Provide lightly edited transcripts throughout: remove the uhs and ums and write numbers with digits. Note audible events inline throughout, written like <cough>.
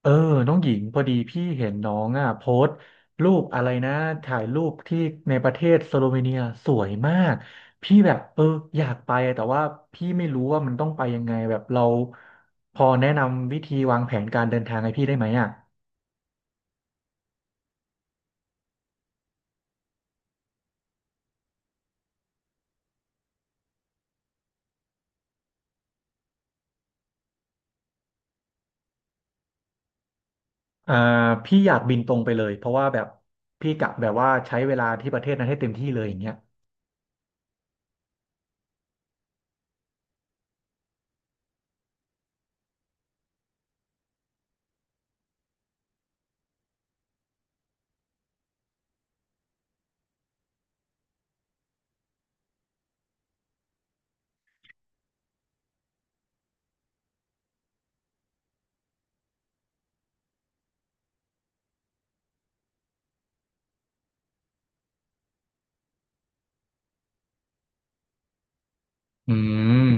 เออน้องหญิงพอดีพี่เห็นน้องอ่ะโพสต์รูปอะไรนะถ่ายรูปที่ในประเทศสโลเวเนียสวยมากพี่แบบอยากไปอะแต่ว่าพี่ไม่รู้ว่ามันต้องไปยังไงแบบเราพอแนะนำวิธีวางแผนการเดินทางให้พี่ได้ไหมอ่ะอ่าพี่อยากบินตรงไปเลยเพราะว่าแบบพี่กะแบบว่าใช้เวลาที่ประเทศนั้นให้เต็มที่เลยอย่างเงี้ยอืม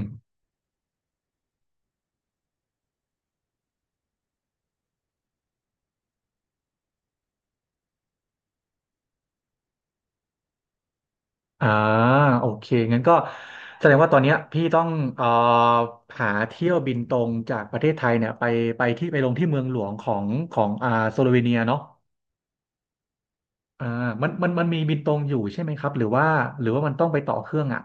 อ่าโอเคงั้นก็แสดงว่าตอนเนี้ยพี่ต้องเอ่อหาเที่ยวบินตรงจากประเทศไทยเนี่ยไปไปที่ไปลงที่เมืองหลวงของสโลเวเนียเนาะอ่ามันมีบินตรงอยู่ใช่ไหมครับหรือว่ามันต้องไปต่อเครื่องอ่ะ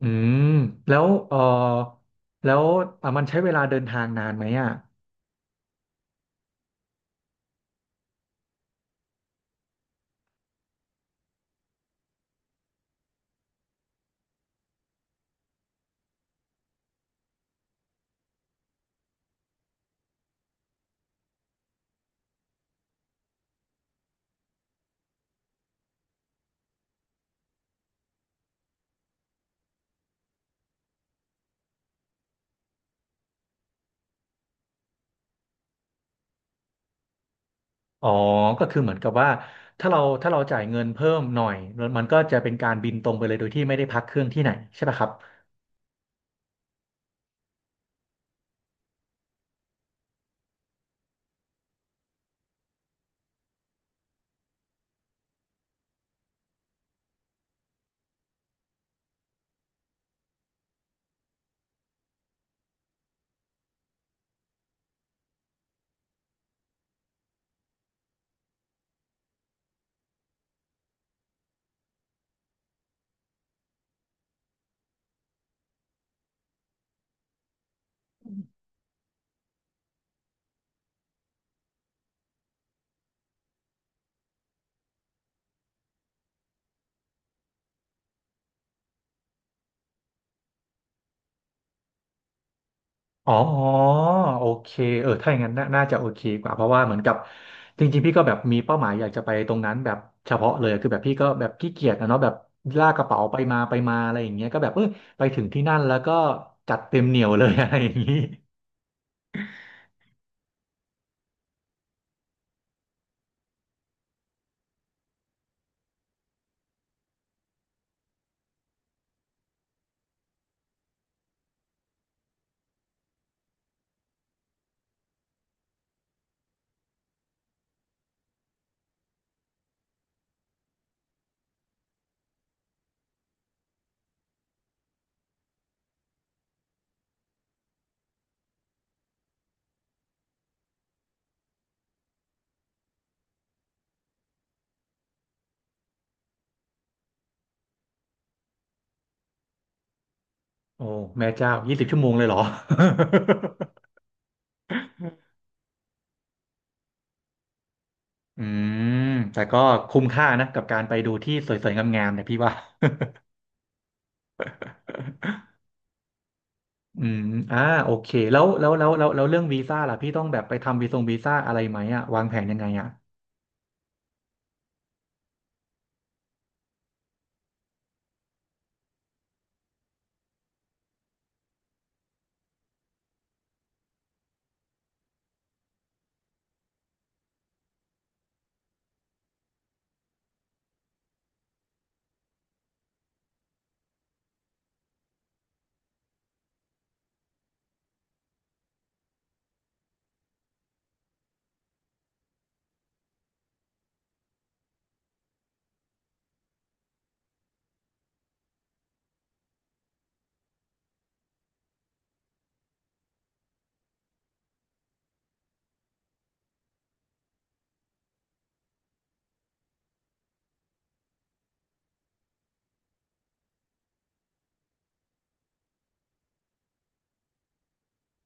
อืมแล้วเอ่อแล้วอ่ะมันใช้เวลาเดินทางนานไหมอ่ะอ๋อก็คือเหมือนกับว่าถ้าเราถ้าเราจ่ายเงินเพิ่มหน่อยมันก็จะเป็นการบินตรงไปเลยโดยที่ไม่ได้พักเครื่องที่ไหนใช่ปะครับ อ๋อโอเคถ้าอย่างนั้นน่าจะโอเคกว่าเพราะว่าเหมือนกับจริงๆพี่ก็แบบมีเป้าหมายอยากจะไปตรงนั้นแบบเฉพาะเลยคือแบบพี่ก็แบบขี้เกียจนะเนาะแบบลากกระเป๋าไปมาไปมาอะไรอย่างเงี้ยก็แบบไปถึงที่นั่นแล้วก็จัดเต็มเหนียวเลย <laughs> อะไรอย่างงี้โอ้แม่เจ้า20 ชั่วโมงเลยเหรอ <laughs> อืมแต่ก็คุ้มค่านะกับการไปดูที่สวยๆงามๆเนี่ยพี่ว่า <laughs> อืมอ่าโอเคแล้วเรื่องวีซ่าล่ะพี่ต้องแบบไปทำวีซงวีซ่าอะไรไหมอะวางแผนยังไงอะ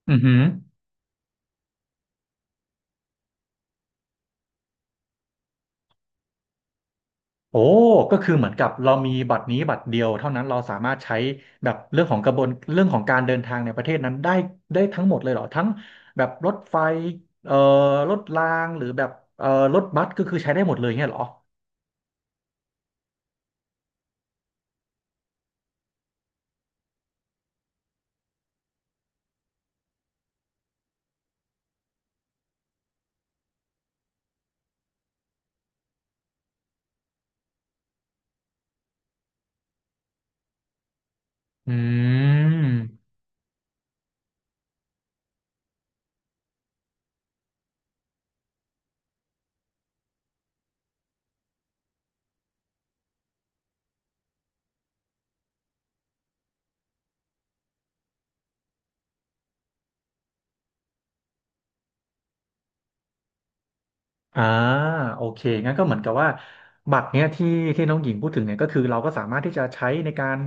อือหือโอ้ก็คือเหมือนกับเรามีบัตรนี้บัตรเดียวเท่านั้นเราสามารถใช้แบบเรื่องของกระบวนเรื่องของการเดินทางในประเทศนั้นได้ได้ทั้งหมดเลยเหรอทั้งแบบรถไฟเอ่อรถรางหรือแบบเอ่อรถบัสก็คือใช้ได้หมดเลยเงี้ยเหรออืม อ่าโอเคงั้นก็เหมือนกับว่าบัตรเนี้ยที่น้องหญิงพูดถึงเนี่ยก็คือเราก็สามารถที่จะใช้ในการ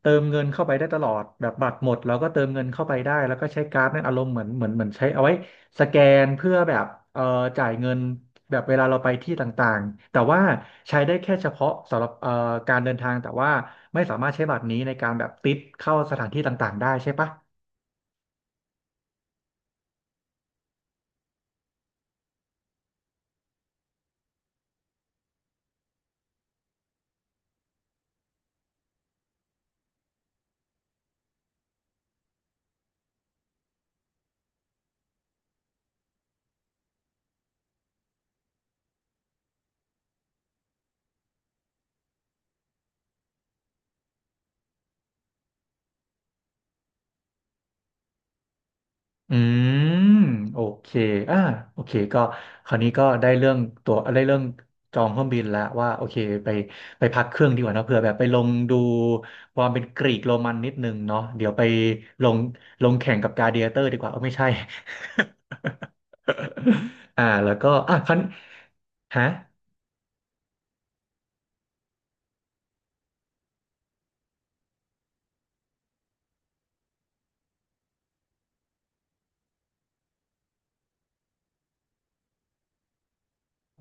เติมเงินเข้าไปได้ตลอดแบบบัตรหมดเราก็เติมเงินเข้าไปได้แล้วก็ใช้การ์ดนั่นอารมณ์เหมือนใช้เอาไว้สแกนเพื่อแบบเอ่อจ่ายเงินแบบเวลาเราไปที่ต่างๆแต่ว่าใช้ได้แค่เฉพาะสำหรับการเดินทางแต่ว่าไม่สามารถใช้บัตรนี้ในการแบบติดเข้าสถานที่ต่างๆได้ใช่ปะ อืมโอเคอ่าโอเคก็คราวนี้ก็ได้เรื่องตัวได้เรื่องจองเครื่องบินแล้วว่าโอเคไปไปพักเครื่องดีกว่าเนอะเผื่อแบบไปลงดูความเป็นกรีกโรมันนิดนึงเนาะเดี๋ยวไปลงลงแข่งกับกลาดิเอเตอร์ดีกว่าเออไม่ใช่ <laughs> แล้วก็อ่ะครันฮะ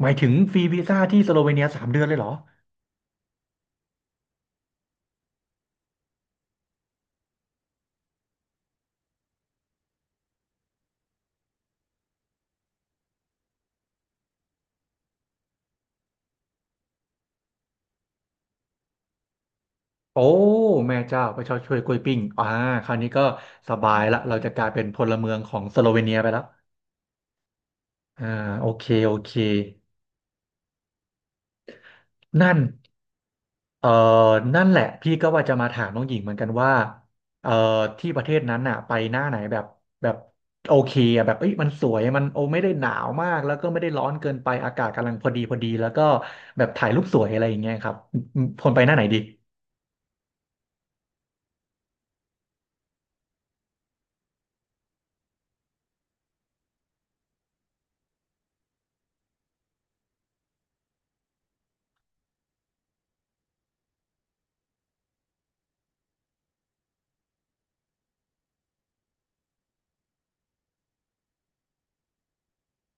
หมายถึงฟรีวีซ่าที่สโลเวเนีย3 เดือนเลยเหรอโอ้แม่เจ้าพระเจ้าช่วยกล้วยปิ้งอ่าคราวนี้ก็สบายละเราจะกลายเป็นพลเมืองของสโลเวเนียไปแล้ว อ่าโอเคโอเคนั่นเอ่อนั่นแหละพี่ก็ว่าจะมาถามน้องหญิงเหมือนกันว่าเอ่อที่ประเทศนั้นน่ะไปหน้าไหนแบบแบบโอเคอะแบบเอ้ยมันสวยมันโอไม่ได้หนาวมากแล้วก็ไม่ได้ร้อนเกินไปอากาศกำลังพอดีพอดีแล้วก็แบบถ่ายรูปสวยอะไรอย่างเงี้ยครับคนไปหน้าไหนดี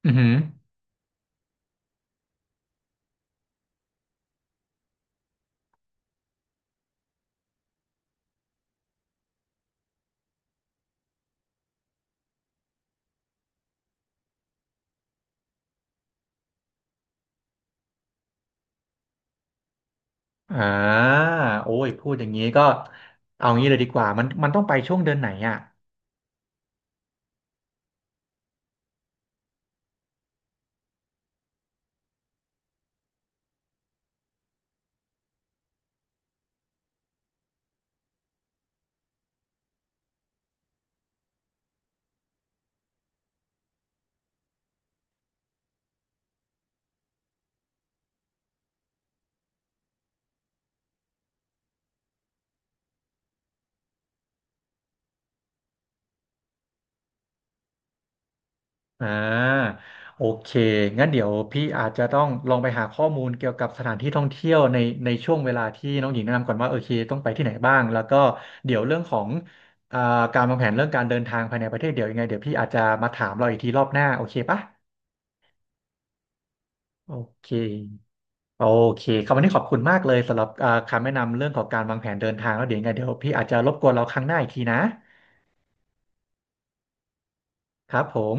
อือหืออ่าโอ้ยพูดอย่างนี้ก็เอางี้เลยดีกว่ามันต้องไปช่วงเดือนไหนอ่ะ อ่าโอเคงั้นเดี๋ยวพี่อาจจะต้องลองไปหาข้อมูลเกี่ยวกับสถานที่ท่องเที่ยวในในช่วงเวลาที่น้องหญิงแนะนำก่อนว่าโอเคต้องไปที่ไหนบ้างแล้วก็เดี๋ยวเรื่องของอ่าการวางแผนเรื่องการเดินทางภายในประเทศเดี๋ยวยังไงเดี๋ยวพี่อาจจะมาถามเราอีกทีรอบหน้าโอเคปะโอเคโอเคคำวันนี้ขอบคุณมากเลยสำหรับคำแนะนำเรื่องของการวางแผนเดินทางแล้วเดี๋ยวยังไงเดี๋ยวพี่อาจจะรบกวนเราครั้งหน้าอีกทีนะครับผม